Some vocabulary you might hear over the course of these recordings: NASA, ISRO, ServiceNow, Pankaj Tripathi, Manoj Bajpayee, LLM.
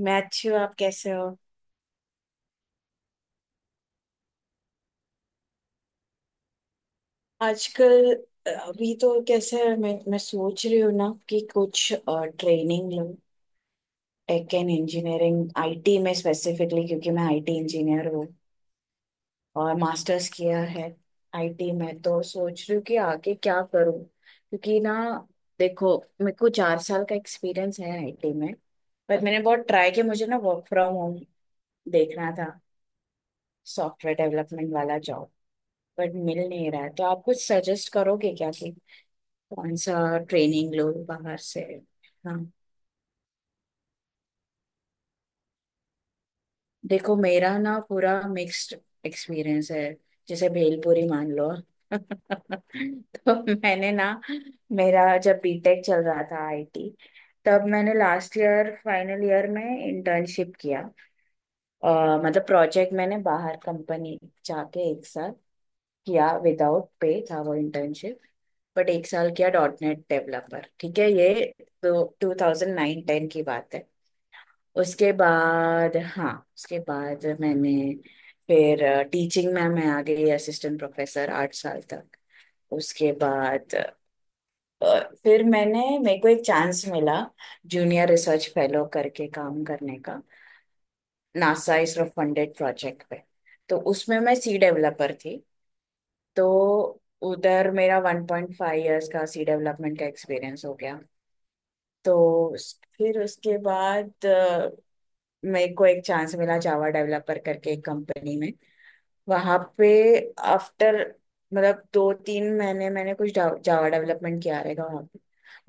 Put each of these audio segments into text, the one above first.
मैं अच्छी हूँ। आप कैसे हो? आजकल अभी तो कैसे है, मैं सोच रही हूँ ना कि कुछ ट्रेनिंग लूँ टेक एंड इंजीनियरिंग आईटी में, स्पेसिफिकली क्योंकि मैं आईटी इंजीनियर हूँ और मास्टर्स किया है आईटी में। तो सोच रही हूँ कि आगे क्या करूँ क्योंकि ना, देखो, मेरे को चार साल का एक्सपीरियंस है आईटी में। पर मैंने बहुत ट्राई किया, मुझे ना वर्क फ्रॉम होम देखना था, सॉफ्टवेयर डेवलपमेंट वाला जॉब, बट मिल नहीं रहा है। तो आप कुछ सजेस्ट करोगे क्या कि कौन सा ट्रेनिंग लो बाहर से। हाँ, देखो मेरा ना पूरा मिक्स्ड एक्सपीरियंस है, जैसे भेलपुरी मान लो। तो मैंने ना, मेरा जब बीटेक चल रहा था आईटी, तब मैंने लास्ट ईयर फाइनल ईयर में इंटर्नशिप किया। मतलब प्रोजेक्ट मैंने बाहर कंपनी जाके एक साथ किया, विदाउट पे था वो इंटर्नशिप। बट एक साल किया डॉट नेट डेवलपर, ठीक है ये। तो टू थाउजेंड नाइन टेन की बात है। उसके बाद हाँ, उसके बाद मैंने फिर टीचिंग में मैं आ गई असिस्टेंट प्रोफेसर आठ साल तक। उसके बाद फिर मैंने, मेरे को एक चांस मिला जूनियर रिसर्च फेलो करके काम करने का, नासा इसरो फंडेड प्रोजेक्ट पे। तो उसमें मैं सी डेवलपर थी। तो उधर मेरा 1.5 इयर्स का सी डेवलपमेंट का एक्सपीरियंस हो गया। तो फिर उसके बाद मेरे को एक चांस मिला जावा डेवलपर करके एक कंपनी में। वहाँ पे आफ्टर, मतलब दो तीन महीने मैंने कुछ जावा डेवलपमेंट किया रहेगा वहाँ पे।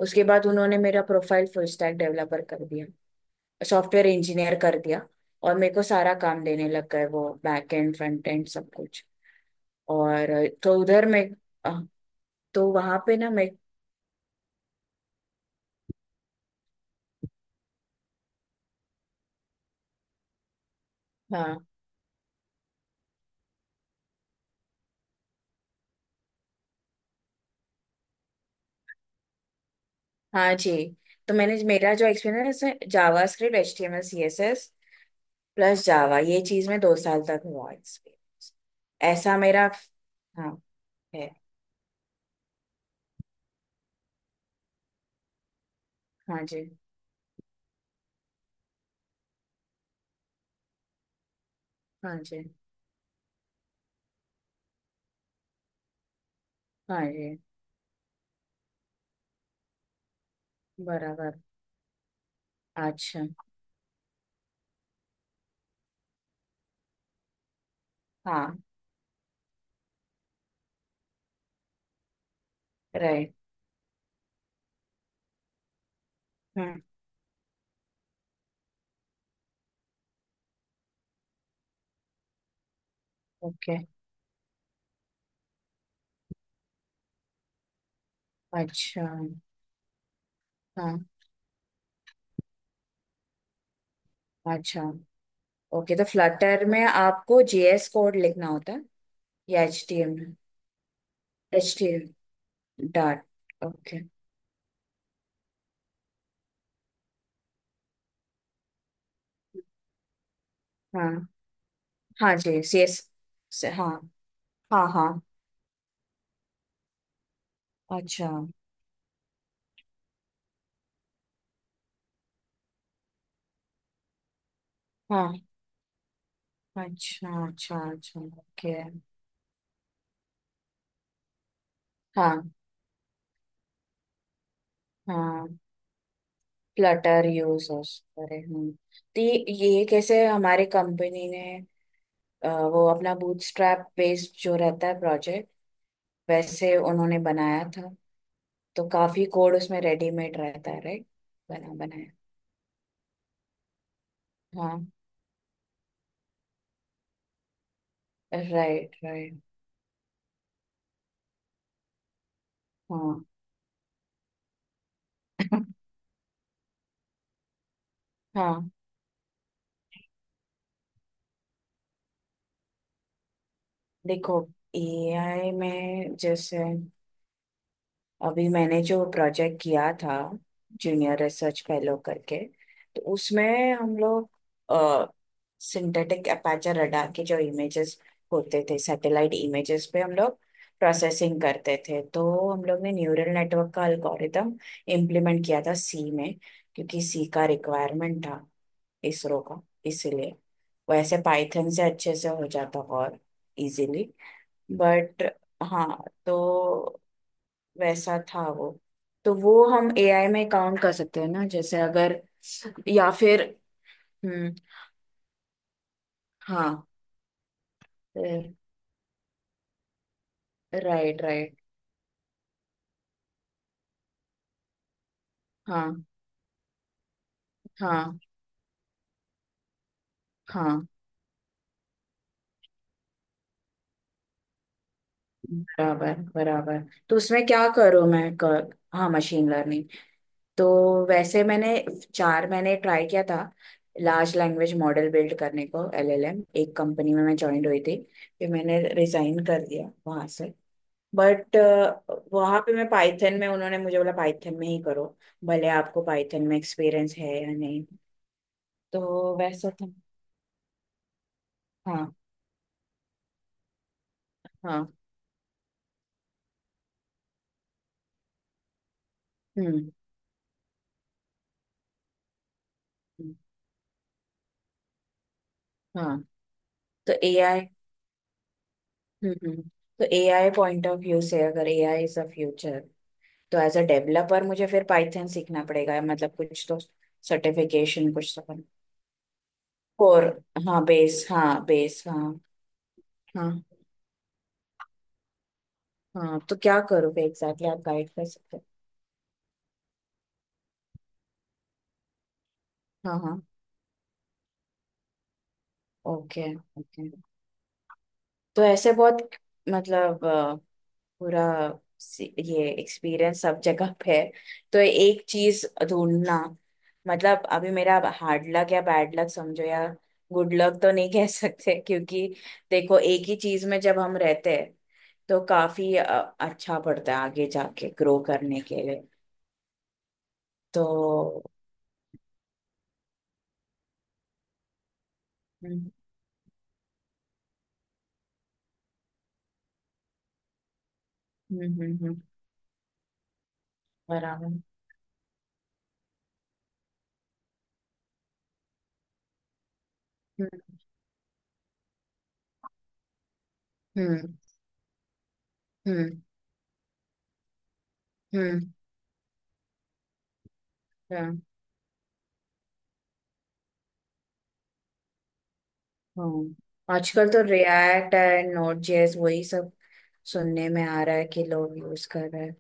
उसके बाद उन्होंने मेरा प्रोफाइल फुल स्टैक डेवलपर कर दिया, सॉफ्टवेयर इंजीनियर कर दिया, और मेरे को सारा काम देने लग गए वो बैक एंड फ्रंट एंड सब कुछ। और तो उधर मैं अ, तो वहाँ पे ना मैं। हाँ। हाँ जी। तो मैंने मेरा जो एक्सपीरियंस है JavaScript H T M L C S S plus Java, ये चीज में दो साल तक हुआ एक्सपीरियंस, ऐसा मेरा। हाँ, है। हाँ जी। हाँ जी। हाँ जी। बराबर। अच्छा। हाँ। राइट। हम्म। ओके। अच्छा। हाँ। अच्छा। ओके, तो फ्लटर में आपको जेएस कोड लिखना होता है या H T M L, H T M dot. Okay. हाँ। हाँ जी सी एस। हाँ। हाँ हाँ। अच्छा। हाँ। अच्छा अच्छा अच्छा, ओके। हाँ। हाँ। Flutter users. अरे, हम्म। तो ये कैसे हमारे कंपनी ने वो अपना बूटस्ट्रैप बेस्ड जो रहता है प्रोजेक्ट, वैसे उन्होंने बनाया था। तो काफी कोड उसमें रेडीमेड रहता है, राइट, बना बनाया। हाँ, राइट राइट। हाँ। हाँ, देखो एआई में, जैसे अभी मैंने जो प्रोजेक्ट किया था जूनियर रिसर्च फेलो करके, तो उसमें हम लोग सिंथेटिक अपर्चर रडार के जो इमेजेस होते थे सैटेलाइट इमेजेस पे, हम लोग प्रोसेसिंग करते थे। तो हम लोग ने न्यूरल नेटवर्क का अल्गोरिदम इम्प्लीमेंट किया था सी में, क्योंकि सी का रिक्वायरमेंट था इसरो का, इसीलिए। वैसे पाइथन से अच्छे से हो जाता और इजीली, बट। हाँ, तो वैसा था वो। तो वो हम एआई में काउंट कर सकते हैं ना, जैसे अगर, या फिर। हम्म। हाँ। Right right. हाँ। हाँ हाँ। बराबर बराबर। तो उसमें क्या करूँ मैं हाँ, मशीन लर्निंग। तो वैसे मैंने चार मैंने ट्राई किया था लार्ज लैंग्वेज मॉडल बिल्ड करने को, एलएलएम एक कंपनी में मैं ज्वाइन हुई थी। फिर मैंने रिजाइन कर दिया वहां से, बट वहां पे मैं पाइथन में, उन्होंने मुझे बोला पाइथन में ही करो, भले आपको पाइथन में एक्सपीरियंस है या नहीं। तो वैसा था। हाँ। हाँ। हम्म। हम्म, हाँ। तो एआई। हम्म। तो एआई पॉइंट ऑफ व्यू से, अगर एआई इज अ फ्यूचर, तो एज अ डेवलपर मुझे फिर पाइथन सीखना पड़ेगा, मतलब कुछ तो सर्टिफिकेशन कुछ तो। और हाँ, बेस हाँ, बेस हाँ। हाँ हाँ, तो क्या करोगे एग्जैक्टली exactly, आप गाइड कर सकते हो। हाँ। हाँ। ओके। ओके, तो ऐसे बहुत मतलब पूरा ये एक्सपीरियंस सब जगह पे है। तो एक चीज ढूंढना, मतलब अभी मेरा हार्ड लक या बैड लक समझो, या गुड लक तो नहीं कह सकते, क्योंकि देखो एक ही चीज में जब हम रहते हैं तो काफी अच्छा पड़ता है आगे जाके ग्रो करने के लिए। तो हम्म हम्म हम्म हम्म, बराबर। हम्म हम्म हम्म हम्म। हम्म। हाँ, आजकल तो रिएक्ट एंड नोड जेएस वही सब सुनने में आ रहा है कि लोग यूज कर रहे हैं।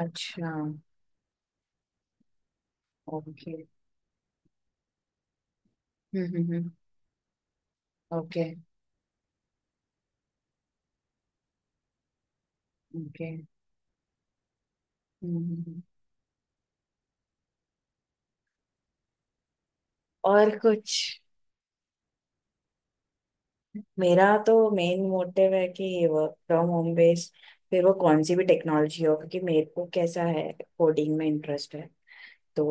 अच्छा। ओके। हम्म। ओके। ओके। हम्म, हम्म। और कुछ, मेरा तो मेन मोटिव है कि ये वर्क फ्रॉम होम बेस, फिर वो कौन सी भी टेक्नोलॉजी हो, क्योंकि मेरे को कैसा है, कोडिंग में इंटरेस्ट है। तो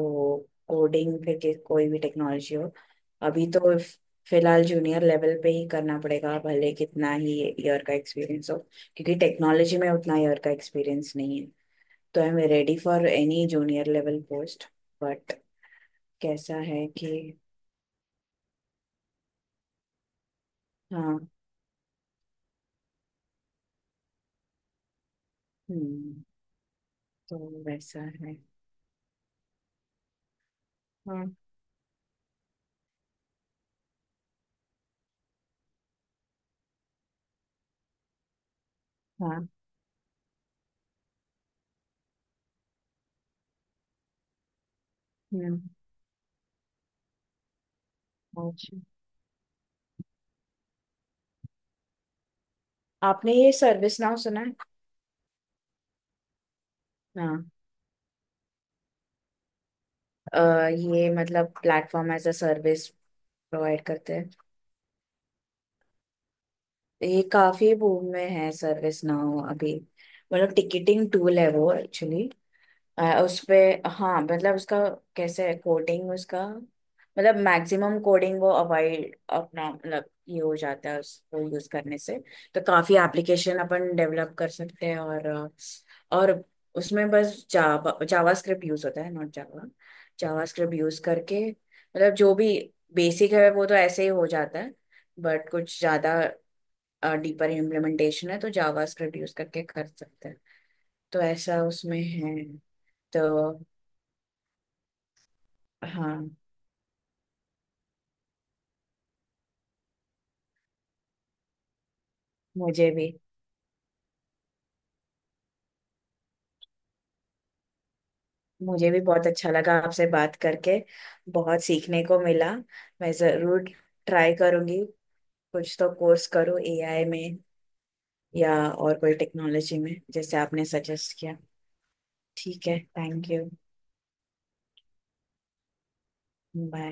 कोडिंग फिर कोई भी टेक्नोलॉजी हो। अभी तो फिलहाल जूनियर लेवल पे ही करना पड़ेगा, भले कितना ही ईयर का एक्सपीरियंस हो, क्योंकि टेक्नोलॉजी में उतना ईयर का एक्सपीरियंस नहीं है। तो I am ready for any junior level post, but कैसा है कि। हाँ। हम्म। तो वैसा है। हाँ। हाँ। हम्म। अच्छा, आपने ये सर्विस नाउ सुना है? हाँ, अ, ये मतलब platform as a service provide करते हैं। ये काफी बूम में है सर्विस नाउ अभी। मतलब टिकटिंग टूल है वो एक्चुअली। उसपे हाँ, मतलब उसका कैसे है, कोडिंग उसका मतलब मैक्सिमम कोडिंग वो अवॉइड अपना मतलब ये हो जाता है उसको यूज करने से। तो काफी एप्लीकेशन अपन डेवलप कर सकते हैं और और उसमें बस जावा जावा स्क्रिप्ट यूज होता है, not Java. JavaScript use करके, मतलब जो भी बेसिक है वो तो ऐसे ही हो जाता है, बट कुछ ज्यादा डीपर इम्प्लीमेंटेशन है तो जावा स्क्रिप्ट यूज करके कर सकते हैं। तो ऐसा उसमें है। तो हाँ, मुझे भी मुझे भी बहुत अच्छा लगा आपसे बात करके। बहुत सीखने को मिला। मैं जरूर ट्राई करूंगी कुछ तो कोर्स करूँ एआई में या और कोई टेक्नोलॉजी में जैसे आपने सजेस्ट किया। ठीक है, थैंक यू। बाय।